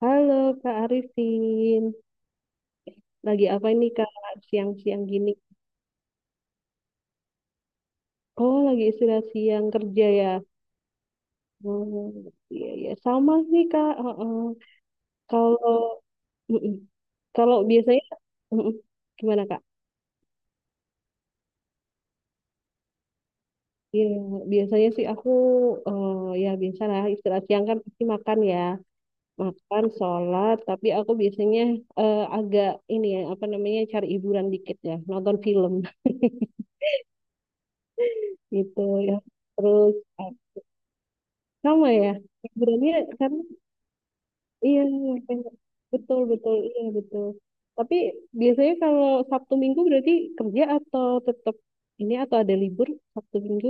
Halo Kak Arifin, lagi apa ini Kak siang-siang gini? Oh lagi istirahat siang kerja ya? Oh iya iya sama sih Kak. Heeh. Kalau mm-mm. kalau biasanya mm-mm. gimana Kak? Iya biasanya sih aku eh, ya biasalah istirahat siang kan pasti makan ya, makan sholat. Tapi aku biasanya agak ini ya apa namanya cari hiburan dikit ya, nonton film gitu ya. Terus sama ya hiburannya karena iya pengen- betul betul iya betul tapi biasanya kalau Sabtu Minggu berarti kerja atau tetap ini atau ada libur Sabtu Minggu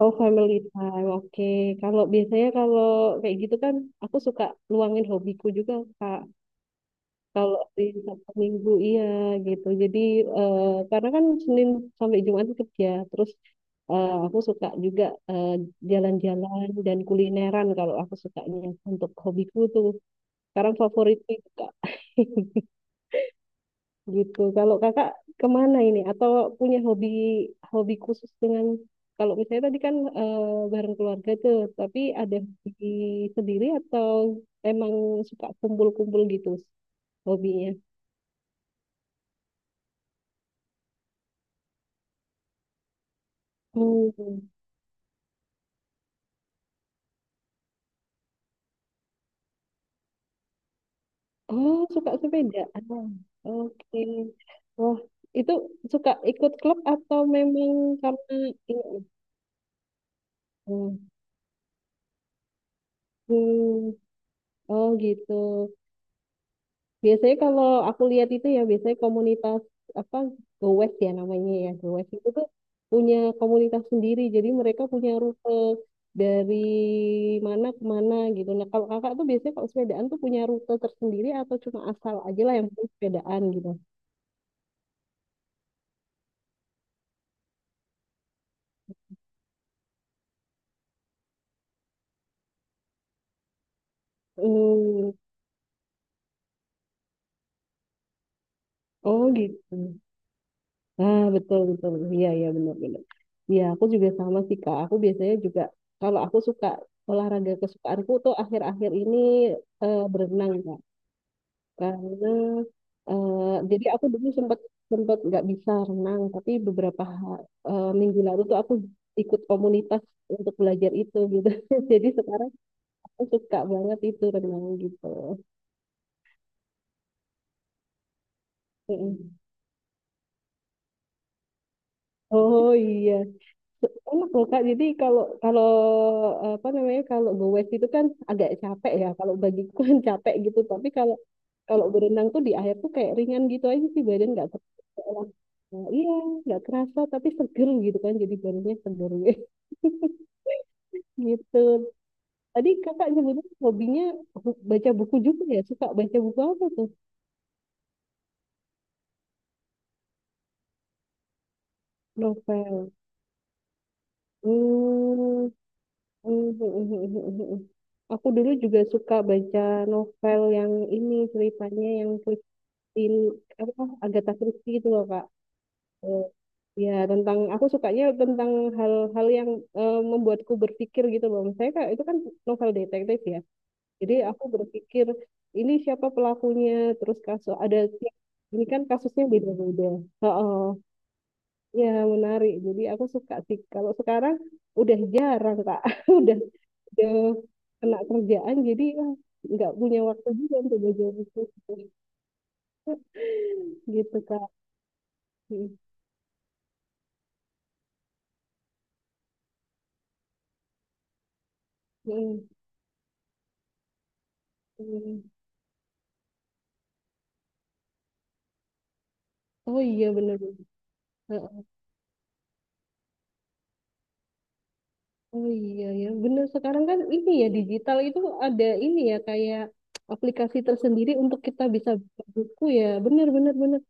oh family time oke kalau biasanya kalau kayak gitu kan aku suka luangin hobiku juga Kak. Kalau di Sabtu Minggu iya gitu. Jadi eh, karena kan Senin sampai Jumat itu kerja. Terus aku suka juga eh, jalan-jalan dan kulineran kalau aku sukanya untuk hobiku tuh. Sekarang favoritku itu Kak. Gitu. Kalau Kakak kemana ini? Atau punya hobi hobi khusus dengan kalau misalnya tadi kan bareng keluarga tuh, tapi ada hobi sendiri atau emang suka kumpul-kumpul gitu hobinya? Hmm. Oh, suka sepedaan. Bang. Oke. Wah, itu suka ikut klub atau memang karena ini? Hmm. Hmm. Oh, gitu. Biasanya kalau aku lihat itu ya biasanya komunitas apa gowes ya namanya ya gowes itu tuh punya komunitas sendiri. Jadi mereka punya rute dari mana ke mana gitu. Nah, kalau kakak tuh biasanya kalau sepedaan tuh punya rute tersendiri atau cuma asal aja lah yang penting sepedaan gitu. Hmm. Oh, gitu. Ah, betul betul. Iya iya benar benar. Iya, aku juga sama sih Kak. Aku biasanya juga kalau aku suka olahraga kesukaanku tuh akhir-akhir ini berenang Kak. Karena eh, jadi aku dulu sempat sempat nggak bisa renang, tapi beberapa minggu lalu tuh aku ikut komunitas untuk belajar itu gitu. Jadi sekarang aku suka banget itu renang gitu. Mm-mm. Oh iya, enak loh Kak. Jadi kalau kalau apa namanya kalau gowes itu kan agak capek ya. Kalau bagiku kan capek gitu. Tapi kalau kalau berenang tuh di air tuh kayak ringan gitu aja sih badan nggak ter- kayak, nah, iya nggak kerasa tapi seger gitu kan. Jadi badannya seger gitu. Tadi Kakak nyebutnya hobinya baca buku juga ya. Suka baca buku apa tuh? Novel. Hmm. Aku dulu juga suka baca novel yang ini ceritanya yang punya in apa Agatha Christie gitu loh Kak. Eh, ya tentang aku sukanya tentang hal-hal yang membuatku berpikir gitu loh. Misalnya Kak, itu kan novel detektif ya. Jadi aku berpikir ini siapa pelakunya, terus kasus ada si-" ini kan kasusnya beda-beda. Oh, oh. Ya menarik. Jadi aku suka sih. Kalau sekarang udah jarang Kak. Udah udah kena kerjaan jadi ah, nggak punya waktu juga untuk belajar buku gitu Kak. Hmm. Hmm. Hmm. Oh iya bener. Heeh. Oh iya ya bener sekarang kan ini ya digital itu ada ini ya kayak aplikasi tersendiri untuk kita bisa buka buku ya. Bener bener bener.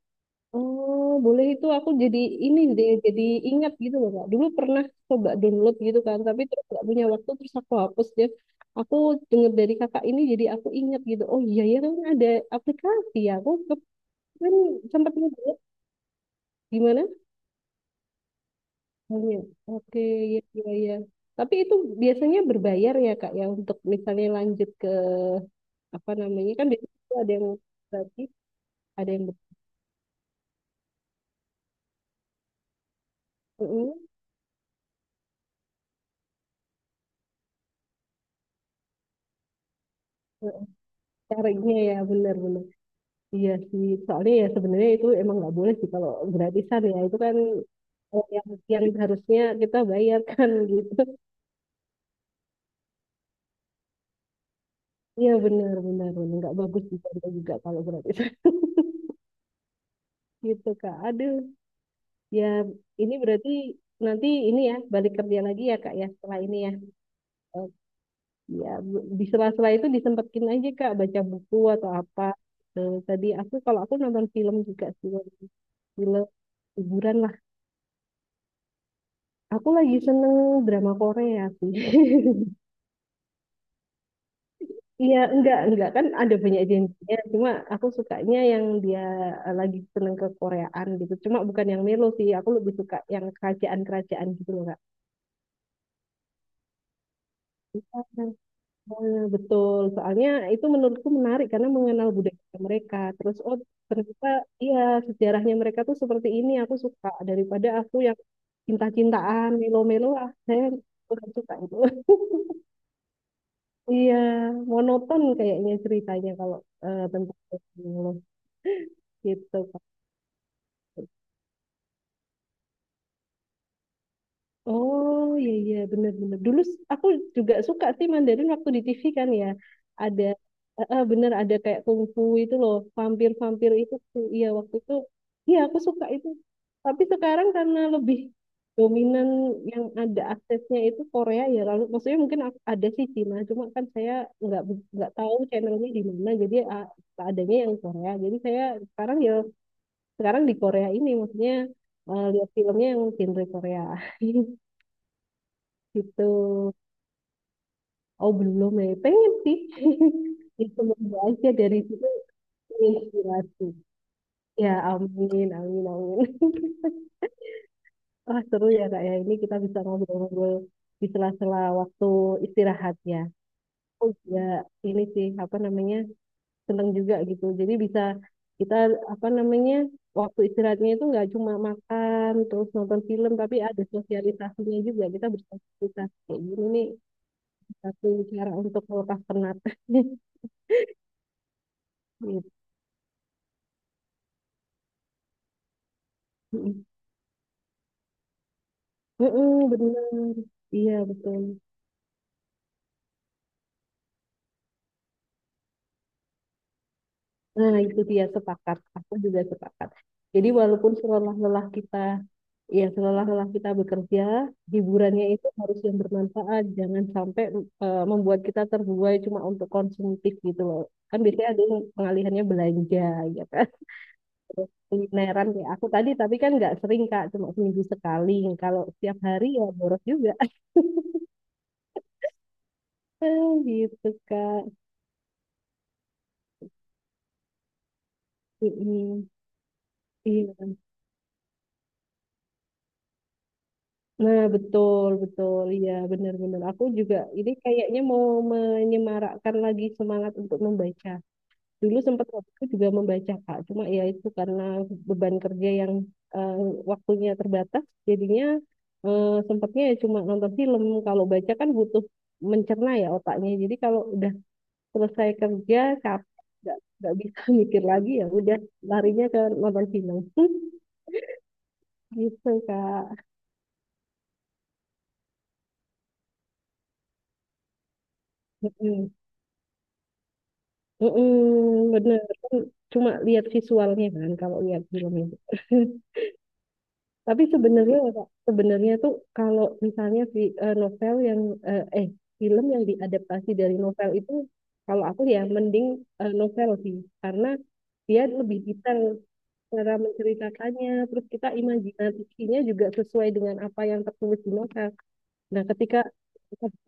Oh boleh itu aku jadi ini deh jadi ingat gitu loh Kak. Dulu pernah coba download gitu kan tapi terus nggak punya waktu terus aku hapus deh. Aku denger dari kakak ini jadi aku ingat gitu. Oh iya ya kan ada aplikasi ya. Aku kan sempat gimana? Oh, iya. Oke, ya, ya, ya. Tapi itu biasanya berbayar ya Kak ya untuk misalnya lanjut ke apa namanya kan biasanya itu ada yang gratis, ada yang betul. Caranya ya benar-benar. Iya sih. Soalnya ya sebenarnya itu emang nggak boleh sih kalau gratisan ya itu kan eh, yang yang harusnya kita bayarkan gitu. Iya benar-benar benar nggak bagus juga juga kalau gratisan gitu Kak. Aduh. Ya ini berarti nanti ini ya balik kerja lagi ya Kak ya setelah ini ya. Ya, di sela-sela itu disempetin aja Kak baca buku atau apa. Eh, tadi aku kalau aku nonton film juga sih, film hiburan lah. Aku lagi seneng drama Korea sih. Iya, enggak kan ada banyak jenisnya. Cuma aku sukanya yang dia lagi seneng ke Koreaan gitu. Cuma bukan yang melo sih, aku lebih suka yang kerajaan-kerajaan gitu loh Kak. Nah, betul. Soalnya itu menurutku menarik karena mengenal budaya mereka. Terus oh ternyata iya sejarahnya mereka tuh seperti ini. Aku suka daripada aku yang cinta-cintaan, melo-melo ah saya kurang suka itu. Iya, monoton kayaknya ceritanya kalau tentang Cosmo gitu. Oh iya iya benar-benar. Dulu aku juga suka sih Mandarin waktu di TV kan ya. Ada bener ada kayak kungfu itu loh, vampir-vampir itu. Tuh. Iya waktu itu iya aku suka itu. Tapi sekarang karena lebih dominan yang ada aksesnya itu Korea ya. Lalu maksudnya mungkin ada sih Cina, cuma kan saya nggak tahu channelnya di mana. Jadi ah, adanya yang Korea. Jadi saya sekarang ya sekarang di Korea ini maksudnya lihat filmnya yang genre Korea. Gitu. Oh belum ya, pengen sih. Itu semoga aja dari situ inspirasi. Ya amin, amin, amin. Wah seru ya kak ya, ini kita bisa ngobrol-ngobrol di sela-sela waktu istirahat ya. Oh ya ini sih, apa namanya, seneng juga gitu. Jadi bisa kita, apa namanya, waktu istirahatnya itu nggak cuma makan, terus nonton film, tapi ada sosialisasinya juga. Kita bersosialisasi. Kayak gini nih, satu cara untuk melepas penat. Iya. Mm-mm. Mm-mm, benar. Iya, betul. Nah, itu dia sepakat. Aku juga sepakat. Jadi walaupun selelah-lelah kita, ya selelah-lelah kita bekerja, hiburannya itu harus yang bermanfaat. Jangan sampai membuat kita terbuai cuma untuk konsumtif gitu loh. Kan biasanya ada yang pengalihannya belanja, ya kan? Kulineran kayak aku tadi, tapi kan nggak sering, Kak. Cuma seminggu sekali. Kalau setiap hari ya boros juga. Gitu, Kak. Mm-mm. Iya. Nah, betul, betul. Iya, benar-benar. Aku juga ini kayaknya mau menyemarakkan lagi semangat untuk membaca. Dulu sempat aku juga membaca, Kak. Cuma ya itu karena beban kerja yang eh, waktunya terbatas, jadinya sempatnya ya cuma nonton film. Kalau baca kan butuh mencerna ya otaknya. Jadi kalau udah selesai kerja, capek, nggak bisa mikir lagi ya udah larinya ke nonton film. Gitu, Kak. Mm-mm, bener kan cuma lihat visualnya kan kalau lihat film itu. Tapi sebenarnya ya, Kak, sebenarnya tuh kalau misalnya si novel yang eh eh, film yang diadaptasi dari novel itu kalau aku ya mending novel sih karena dia lebih detail cara menceritakannya terus kita imajinasinya juga sesuai dengan apa yang tertulis di novel. Nah, ketika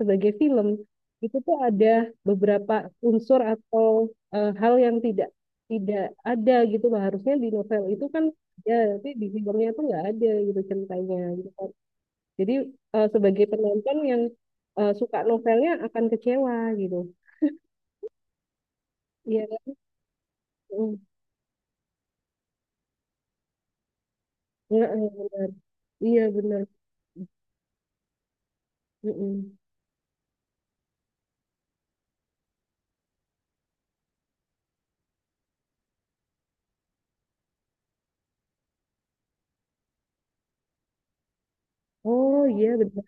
sebagai film itu tuh ada beberapa unsur atau hal yang tidak tidak ada gitu Bah. Harusnya di novel itu kan ya tapi di filmnya tuh nggak ada gitu ceritanya gitu kan. Jadi sebagai penonton yang suka novelnya akan kecewa gitu. Iya, mm, nggak- iya benar. Mm-mm. Oh iya benar.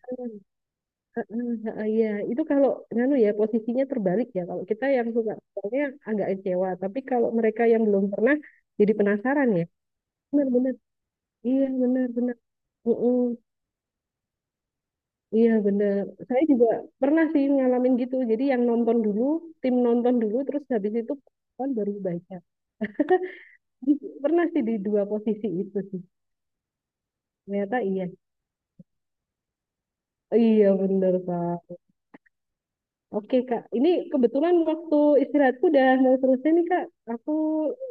Heeh, heeh, iya, itu kalau nganu ya posisinya terbalik ya. Kalau kita yang suka soalnya agak kecewa, tapi kalau mereka yang belum pernah jadi penasaran ya. Benar-benar, iya benar-benar, mm-mm, iya benar. Saya juga pernah sih ngalamin gitu. Jadi yang nonton dulu, tim nonton dulu, terus habis itu kan baru baca. Di- Pernah sih di dua posisi itu sih. Ternyata iya, iya benar Pak. Oke Kak, ini kebetulan waktu istirahatku udah mau selesai nih Kak. Aku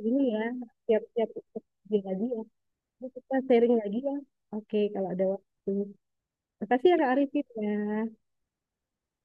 ini ya, siap-siap untuk kerja lagi ya. Terus kita sharing lagi ya. Oke, kalau ada waktu. Makasih ya Kak Arifin ya.